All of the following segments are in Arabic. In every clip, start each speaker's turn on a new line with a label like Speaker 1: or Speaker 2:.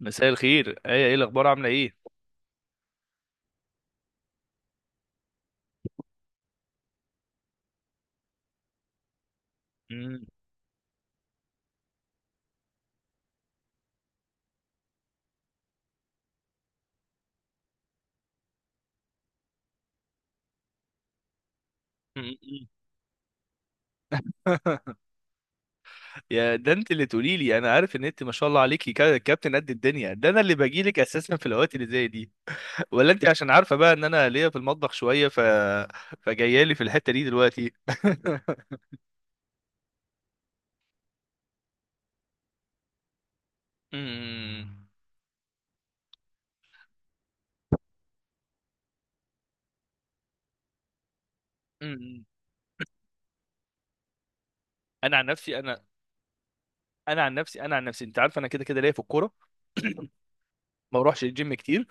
Speaker 1: مساء الخير، ايه الاخبار؟ عامله ايه؟ مم. مم. يا، ده انت اللي تقولي لي. انا عارف ان انت ما شاء الله عليكي كابتن قد الدنيا. ده انا اللي باجي لك اساسا في الاوقات اللي زي دي. ولا انت عشان عارفه بقى ان انا ليا في المطبخ شويه. فجايه لي في الحته دي دلوقتي. مم. مم. انا عن نفسي انا انا عن نفسي انت عارف انا كده كده ليا في الكوره. ما بروحش الجيم كتير،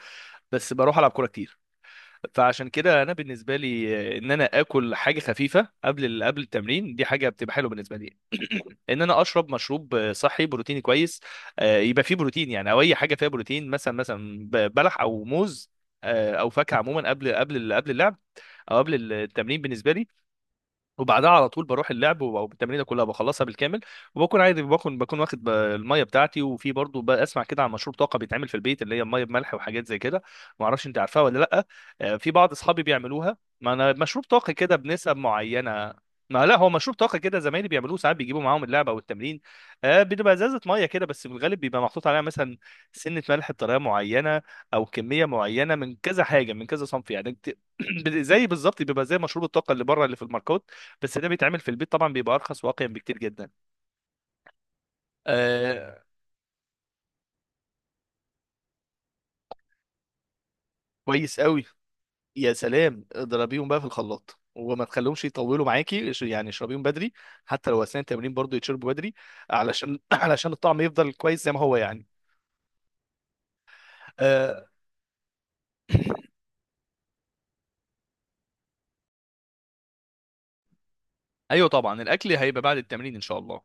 Speaker 1: بس بروح العب كوره كتير. فعشان كده انا بالنسبه لي، ان انا اكل حاجه خفيفه قبل التمرين دي حاجه بتبقى حلوه بالنسبه لي. ان انا اشرب مشروب صحي بروتيني كويس. يبقى فيه بروتين يعني، او اي حاجه فيها بروتين، مثلا بلح او موز. او فاكهه عموما، قبل اللعب او قبل التمرين بالنسبه لي. وبعدها على طول بروح اللعب، او التمرينه كلها بخلصها بالكامل. وبكون عادي، بكون واخد الميه بتاعتي. وفي برضه بسمع كده عن مشروب طاقه بيتعمل في البيت، اللي هي الميه بملح وحاجات زي كده. ما اعرفش انت عارفها ولا لا؟ في بعض اصحابي بيعملوها. ما انا مشروب طاقه كده بنسب معينه. ما لا، هو مشروب طاقه كده زمايلي بيعملوه ساعات، بيجيبوا معاهم اللعبه او التمرين. بتبقى ازازه ميه كده، بس بالغالب بيبقى محطوط عليها مثلا سنه ملح بطريقه معينه. او كميه معينه من كذا حاجه من كذا صنف يعني. زي بالظبط بيبقى زي مشروب الطاقه اللي بره اللي في الماركات. بس ده بيتعمل في البيت طبعا، بيبقى ارخص واقيا بكتير جدا. آه كويس قوي. يا سلام، اضربيهم بقى في الخلاط وما تخليهمش يطولوا معاكي، يعني اشربيهم بدري. حتى لو اثناء التمرين برضو يتشربوا بدري، علشان الطعم يفضل كويس زي ما هو يعني. آه ايوه طبعا، الاكل هيبقى بعد التمرين ان شاء الله.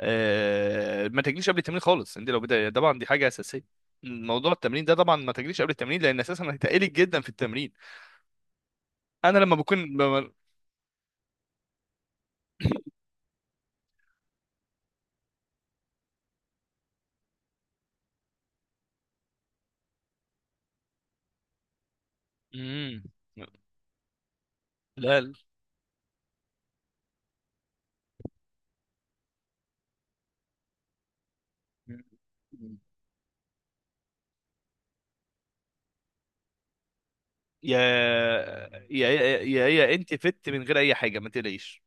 Speaker 1: ما تجليش قبل التمرين خالص. انت لو بدأ طبعا، دي حاجه اساسيه. موضوع التمرين ده طبعا ما تجليش قبل التمرين، لان اساسا هيتقلك جدا في التمرين. انا لما بكون بم... لا، يا يا انت فت من غير اي حاجه، ما تقلقيش.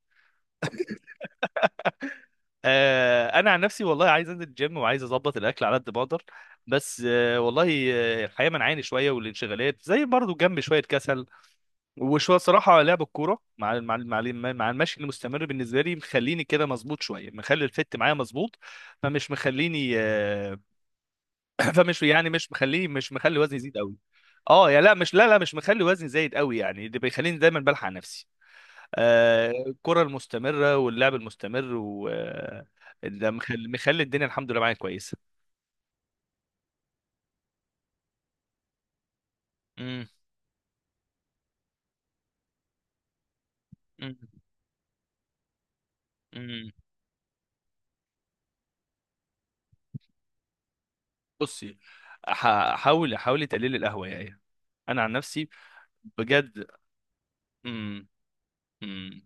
Speaker 1: انا عن نفسي والله عايز انزل الجيم وعايز اظبط الاكل على قد ما اقدر. بس والله. الحياه منعاني شويه، والانشغالات زي برضو جنب شويه كسل. وشويه صراحه لعب الكوره مع المشي المستمر بالنسبه لي مخليني كده مظبوط شويه، مخلي الفت معايا مظبوط. فمش مخليني، فمش، يعني، مش مخلي وزني يزيد قوي. اه، يا، لا مش لا لا، مش مخلي وزني زايد قوي يعني. اللي بيخليني دايما بلحق نفسي، الكرة المستمرة واللعب المستمر و آه، ده مخلي الدنيا الحمد لله معايا كويسة. مم. مم. مم. بصي، حاولي تقللي القهوة يا ايه. انا عن نفسي بجد. مم. مم.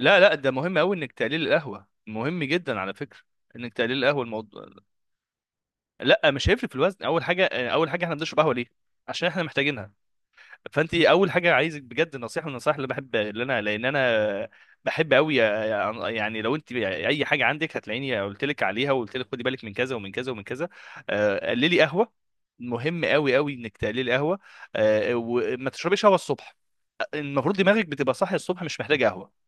Speaker 1: لا لا، ده مهم قوي انك تقليل القهوة، مهم جدا على فكرة. انك تقليل القهوة الموضوع. لا، مش هيفرق في الوزن. اول حاجة، احنا بنشرب قهوة ليه؟ عشان احنا محتاجينها. فانت اول حاجه عايزك بجد، نصيحه من النصائح اللي بحب، اللي انا لان انا بحب قوي يعني، لو انت اي حاجه عندك هتلاقيني قلت لك عليها وقلت لك خدي بالك من كذا ومن كذا ومن كذا. قللي قهوه. مهم قوي قوي انك تقللي قهوه. وما تشربيش قهوه الصبح. المفروض دماغك بتبقى صاحيه الصبح، مش محتاجه قهوه.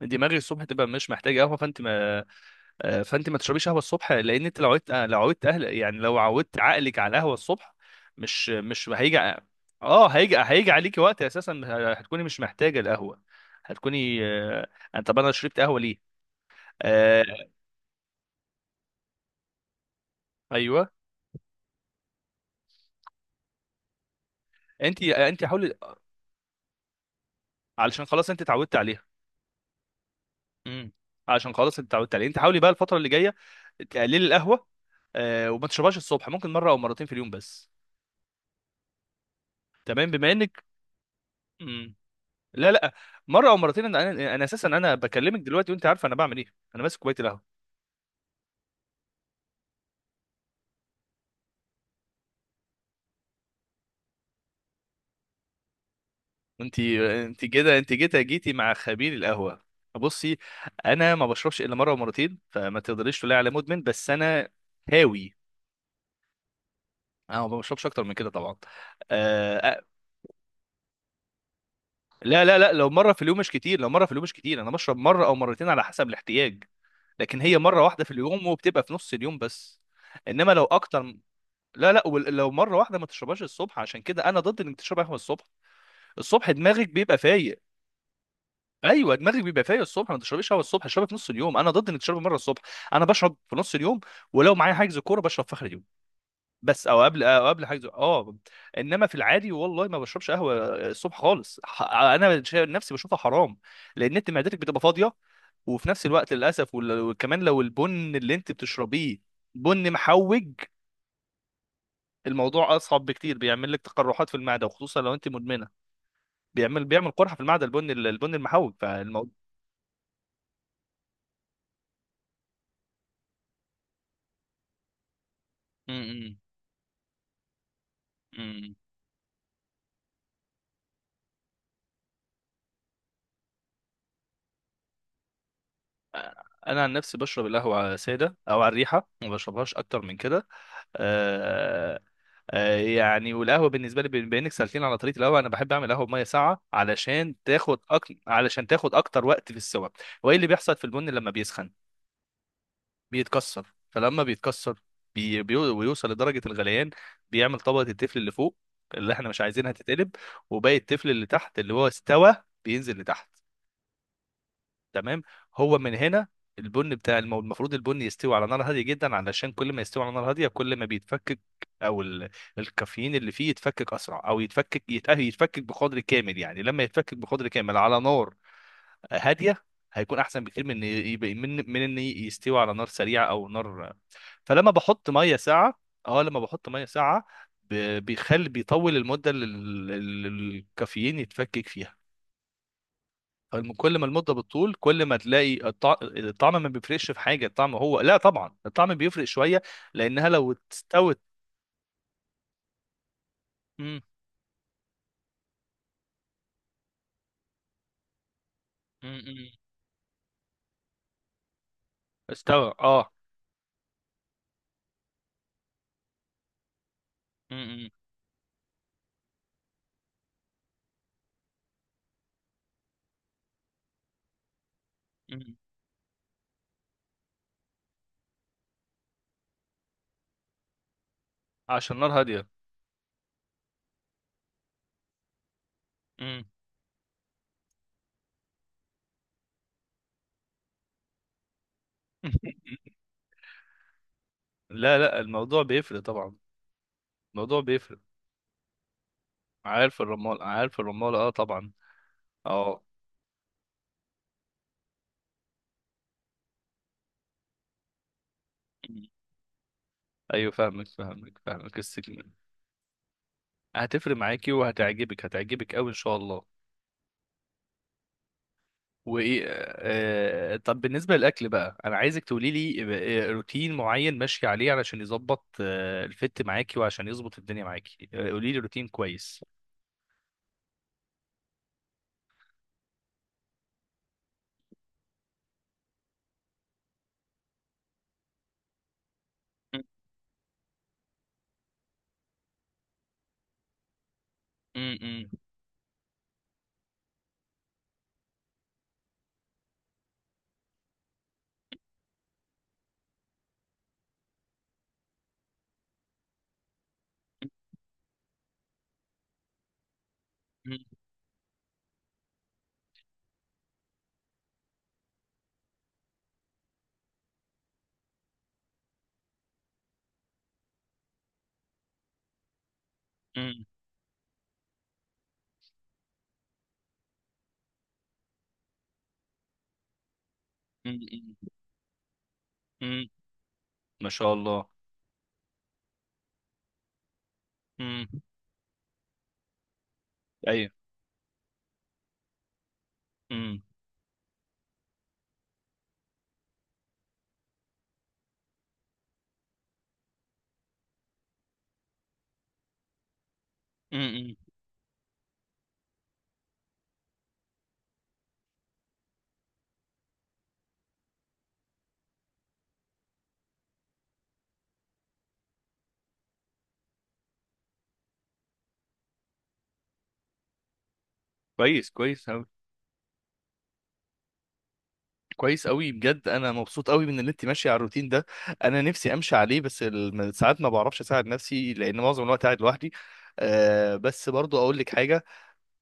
Speaker 1: دماغك الصبح تبقى مش محتاجه قهوه، فانت ما... فانت ما تشربيش قهوه الصبح، لان انت لو عودت عقلك على القهوه الصبح. مش هيجي ع-. اه، هيجي عليكي وقت اساسا، هتكوني مش محتاجه القهوه. هتكوني طب انا شربت قهوه ليه؟ آه، ايوه، انت حاولي. علشان خلاص انت اتعودت عليها. امم علشان خلاص انت اتعودت عليها. انت حاولي بقى الفتره اللي جايه تقللي القهوه. وما تشربهاش الصبح. ممكن مره او مرتين في اليوم بس. تمام. بما انك مم. لا لا، مره او مرتين. انا اساسا انا بكلمك دلوقتي وانت عارفه انا بعمل ايه. انا ماسك كوبايه القهوه. انت انت كده انت جيتي مع خبير القهوه. بصي، انا ما بشربش الا مره ومرتين، فما تقدريش تقولي على مدمن، بس انا هاوي. انا ما بشربش اكتر من كده طبعا. آه آه، لا لا لا، لو مره في اليوم مش كتير، لو مره في اليوم مش كتير، انا بشرب مره او مرتين على حسب الاحتياج. لكن هي مره واحده في اليوم وبتبقى في نص اليوم بس. انما لو اكتر. لا لا، لو مره واحده ما تشربهاش الصبح. عشان كده انا ضد انك تشرب قهوه الصبح. الصبح دماغك بيبقى فايق. ايوه، دماغك بيبقى فايق الصبح. ما تشربيش قهوه الصبح، اشربها في نص اليوم. انا ضد انك تشربي مره الصبح. انا بشرب في نص اليوم. ولو معايا حجز كوره بشرب في اخر اليوم، بس، او قبل حجز. اه انما في العادي والله ما بشربش قهوه الصبح خالص. انا نفسي بشوفها حرام، لان انت معدتك بتبقى فاضيه. وفي نفس الوقت للاسف، وكمان لو البن اللي انت بتشربيه بن محوج، الموضوع اصعب بكتير، بيعمل لك تقرحات في المعده، وخصوصا لو انت مدمنه. بيعمل قرحه في المعده، البن المحوج فالموضوع. امم. امم. انا عن نفسي بشرب القهوه ساده او على الريحه، ما بشربهاش اكتر من كده. آه يعني، والقهوه بالنسبه لي بما انك سالتني على طريقه القهوه، انا بحب اعمل قهوه بميه ساقعه علشان تاخد علشان تاخد اكتر وقت في السوا. وايه اللي بيحصل في البن لما بيسخن؟ بيتكسر، فلما بيتكسر ويوصل لدرجه الغليان، بيعمل طبقه التفل اللي فوق، اللي احنا مش عايزينها تتقلب. وباقي التفل اللي تحت اللي هو استوى بينزل لتحت. تمام. هو من هنا، المفروض البن يستوي على نار هاديه جدا، علشان كل ما يستوي على نار هاديه كل ما بيتفكك. او ال... الكافيين اللي فيه يتفكك اسرع، او يتفكك بقدر كامل يعني. لما يتفكك بقدر كامل على نار هاديه، هيكون احسن بكتير من إن يبقى من من ان يستوي على نار سريعه او نار. فلما بحط ميه ساقعه، اه لما بحط ميه ساقعه، بيخلي، بيطول المده اللي ال- الكافيين يتفكك فيها. كل ما المدة بتطول كل ما تلاقي الطعم ما بيفرقش في حاجة. الطعم هو، لا طبعا الطعم بيفرق شوية، لأنها لو استوت... مم، مم، مم. استوى، اه. مم، مم، مم. عشان نار هادية. مم. لا لا، الموضوع بيفرق طبعا. الموضوع بيفرق. عارف الرمال، عارف الرمال، اه طبعا. اه. مم. ايوه، فاهمك فاهمك فاهمك السكين. هتفرق معاكي، وهتعجبك هتعجبك قوي ان شاء الله. وايه، طب بالنسبه للاكل بقى، انا عايزك تقولي لي روتين معين ماشي عليه علشان يظبط الفت معاكي وعشان يظبط الدنيا معاكي. قولي لي روتين كويس. م- م- م- م- م- م- م- م- ما شاء الله. امم. ايوه. امم. امم. كويس كويس أوي. كويس أوي بجد، أنا مبسوط أوي من إن أنت ماشية على الروتين ده. أنا نفسي أمشي عليه، بس ساعات ما بعرفش أساعد نفسي لأن معظم الوقت قاعد لوحدي. بس برضو أقول لك حاجة.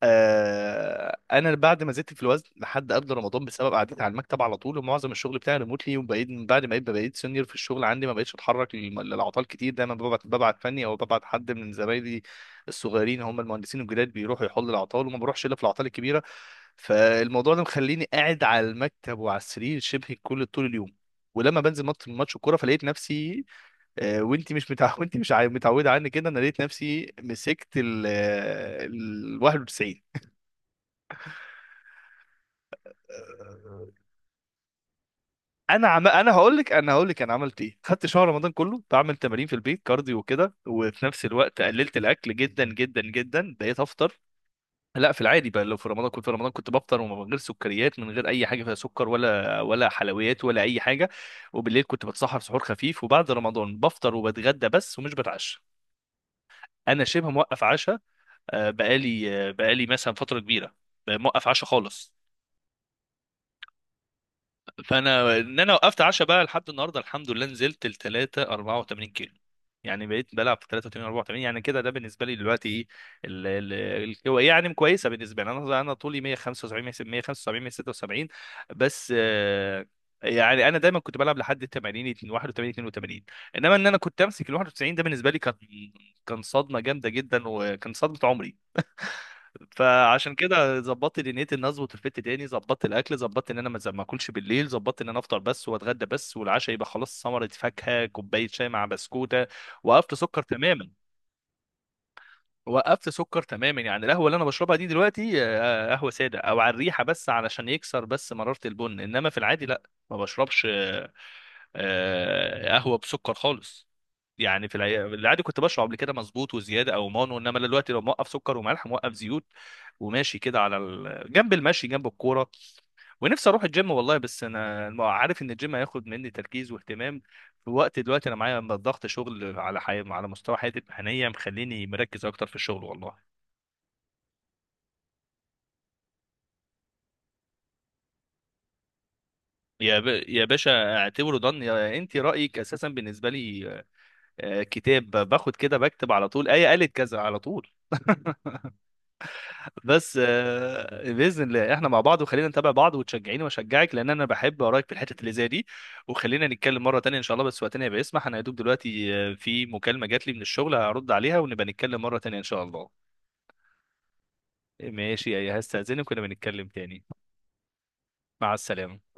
Speaker 1: انا بعد ما زدت في الوزن لحد قبل رمضان بسبب قعدتي على المكتب على طول، ومعظم الشغل بتاعي ريموتلي، وبقيت من بعد ما بقيت سينيور في الشغل عندي، ما بقيتش اتحرك للعطال كتير. دايما ببعت، فني او ببعت حد من زمايلي الصغيرين، هم المهندسين الجداد بيروحوا يحلوا العطال، وما بروحش الا في العطال الكبيره. فالموضوع ده مخليني قاعد على المكتب وعلى السرير شبه كل طول اليوم. ولما بنزل ماتش الكوره، فلقيت نفسي وانت مش وانت مش متعوده عني كده، انا لقيت نفسي مسكت ال 91. انا انا هقول لك، انا عملت ايه. خدت شهر رمضان كله بعمل تمارين في البيت كارديو وكده، وفي نفس الوقت قللت الاكل جدا جدا جدا. بقيت افطر، لا في العادي بقى، لو في رمضان كنت بفطر ومن غير سكريات، من غير اي حاجه فيها سكر ولا حلويات ولا اي حاجه. وبالليل كنت بتسحر سحور خفيف. وبعد رمضان، بفطر وبتغدى بس، ومش بتعشى. انا شبه موقف عشاء. بقالي مثلا فتره كبيره موقف عشاء خالص. فانا ان انا وقفت عشاء بقى لحد النهارده، الحمد لله، نزلت ل 3 84 كيلو. يعني بقيت بلعب في 83 84 يعني كده، ده بالنسبه لي دلوقتي ايه. يعني كويسه بالنسبه لي. انا طولي 175، 175 176. بس يعني انا دايما كنت بلعب لحد 80، 81، 82. انما ان انا كنت امسك ال 91، ده بالنسبه لي كان، كان صدمه جامده جدا، وكان صدمه عمري. فعشان كده ظبطت دنيتي ان اظبط الفت تاني، ظبطت الاكل، ظبطت ان انا ما اكلش بالليل، ظبطت ان انا افطر بس واتغدى بس، والعشاء يبقى خلاص ثمره فاكهه، كوبايه شاي مع بسكوته. وقفت سكر تماما. وقفت سكر تماما يعني. القهوه اللي انا بشربها دي دلوقتي قهوه ساده او على الريحه، بس علشان يكسر بس مراره البن. انما في العادي لا، ما بشربش قهوه بسكر خالص. يعني في العادي كنت بشرب قبل كده مظبوط وزياده او مانو. انما أنا دلوقتي لو موقف سكر وملح، موقف زيوت. وماشي كده على جنب المشي جنب الكوره. ونفسي اروح الجيم والله، بس انا ما عارف ان الجيم هياخد مني تركيز واهتمام في وقت دلوقتي، انا معايا ضغط شغل على على مستوى حياتي المهنيه مخليني مركز اكتر في الشغل والله. يا باشا، اعتبره ضن. يا انت، رايك اساسا بالنسبه لي كتاب، باخد كده بكتب على طول، ايه قالت كذا على طول. بس باذن الله احنا مع بعض، وخلينا نتابع بعض وتشجعيني واشجعك لان انا بحب اراك في الحتت اللي زي دي. وخلينا نتكلم مره تانية ان شاء الله بس وقتنا يبقى يسمح. انا يا دوب دلوقتي في مكالمه جات لي من الشغل هرد عليها، ونبقى نتكلم مره تانية ان شاء الله. ماشي يا، هستاذنك ونبقى نتكلم تاني. مع السلامه.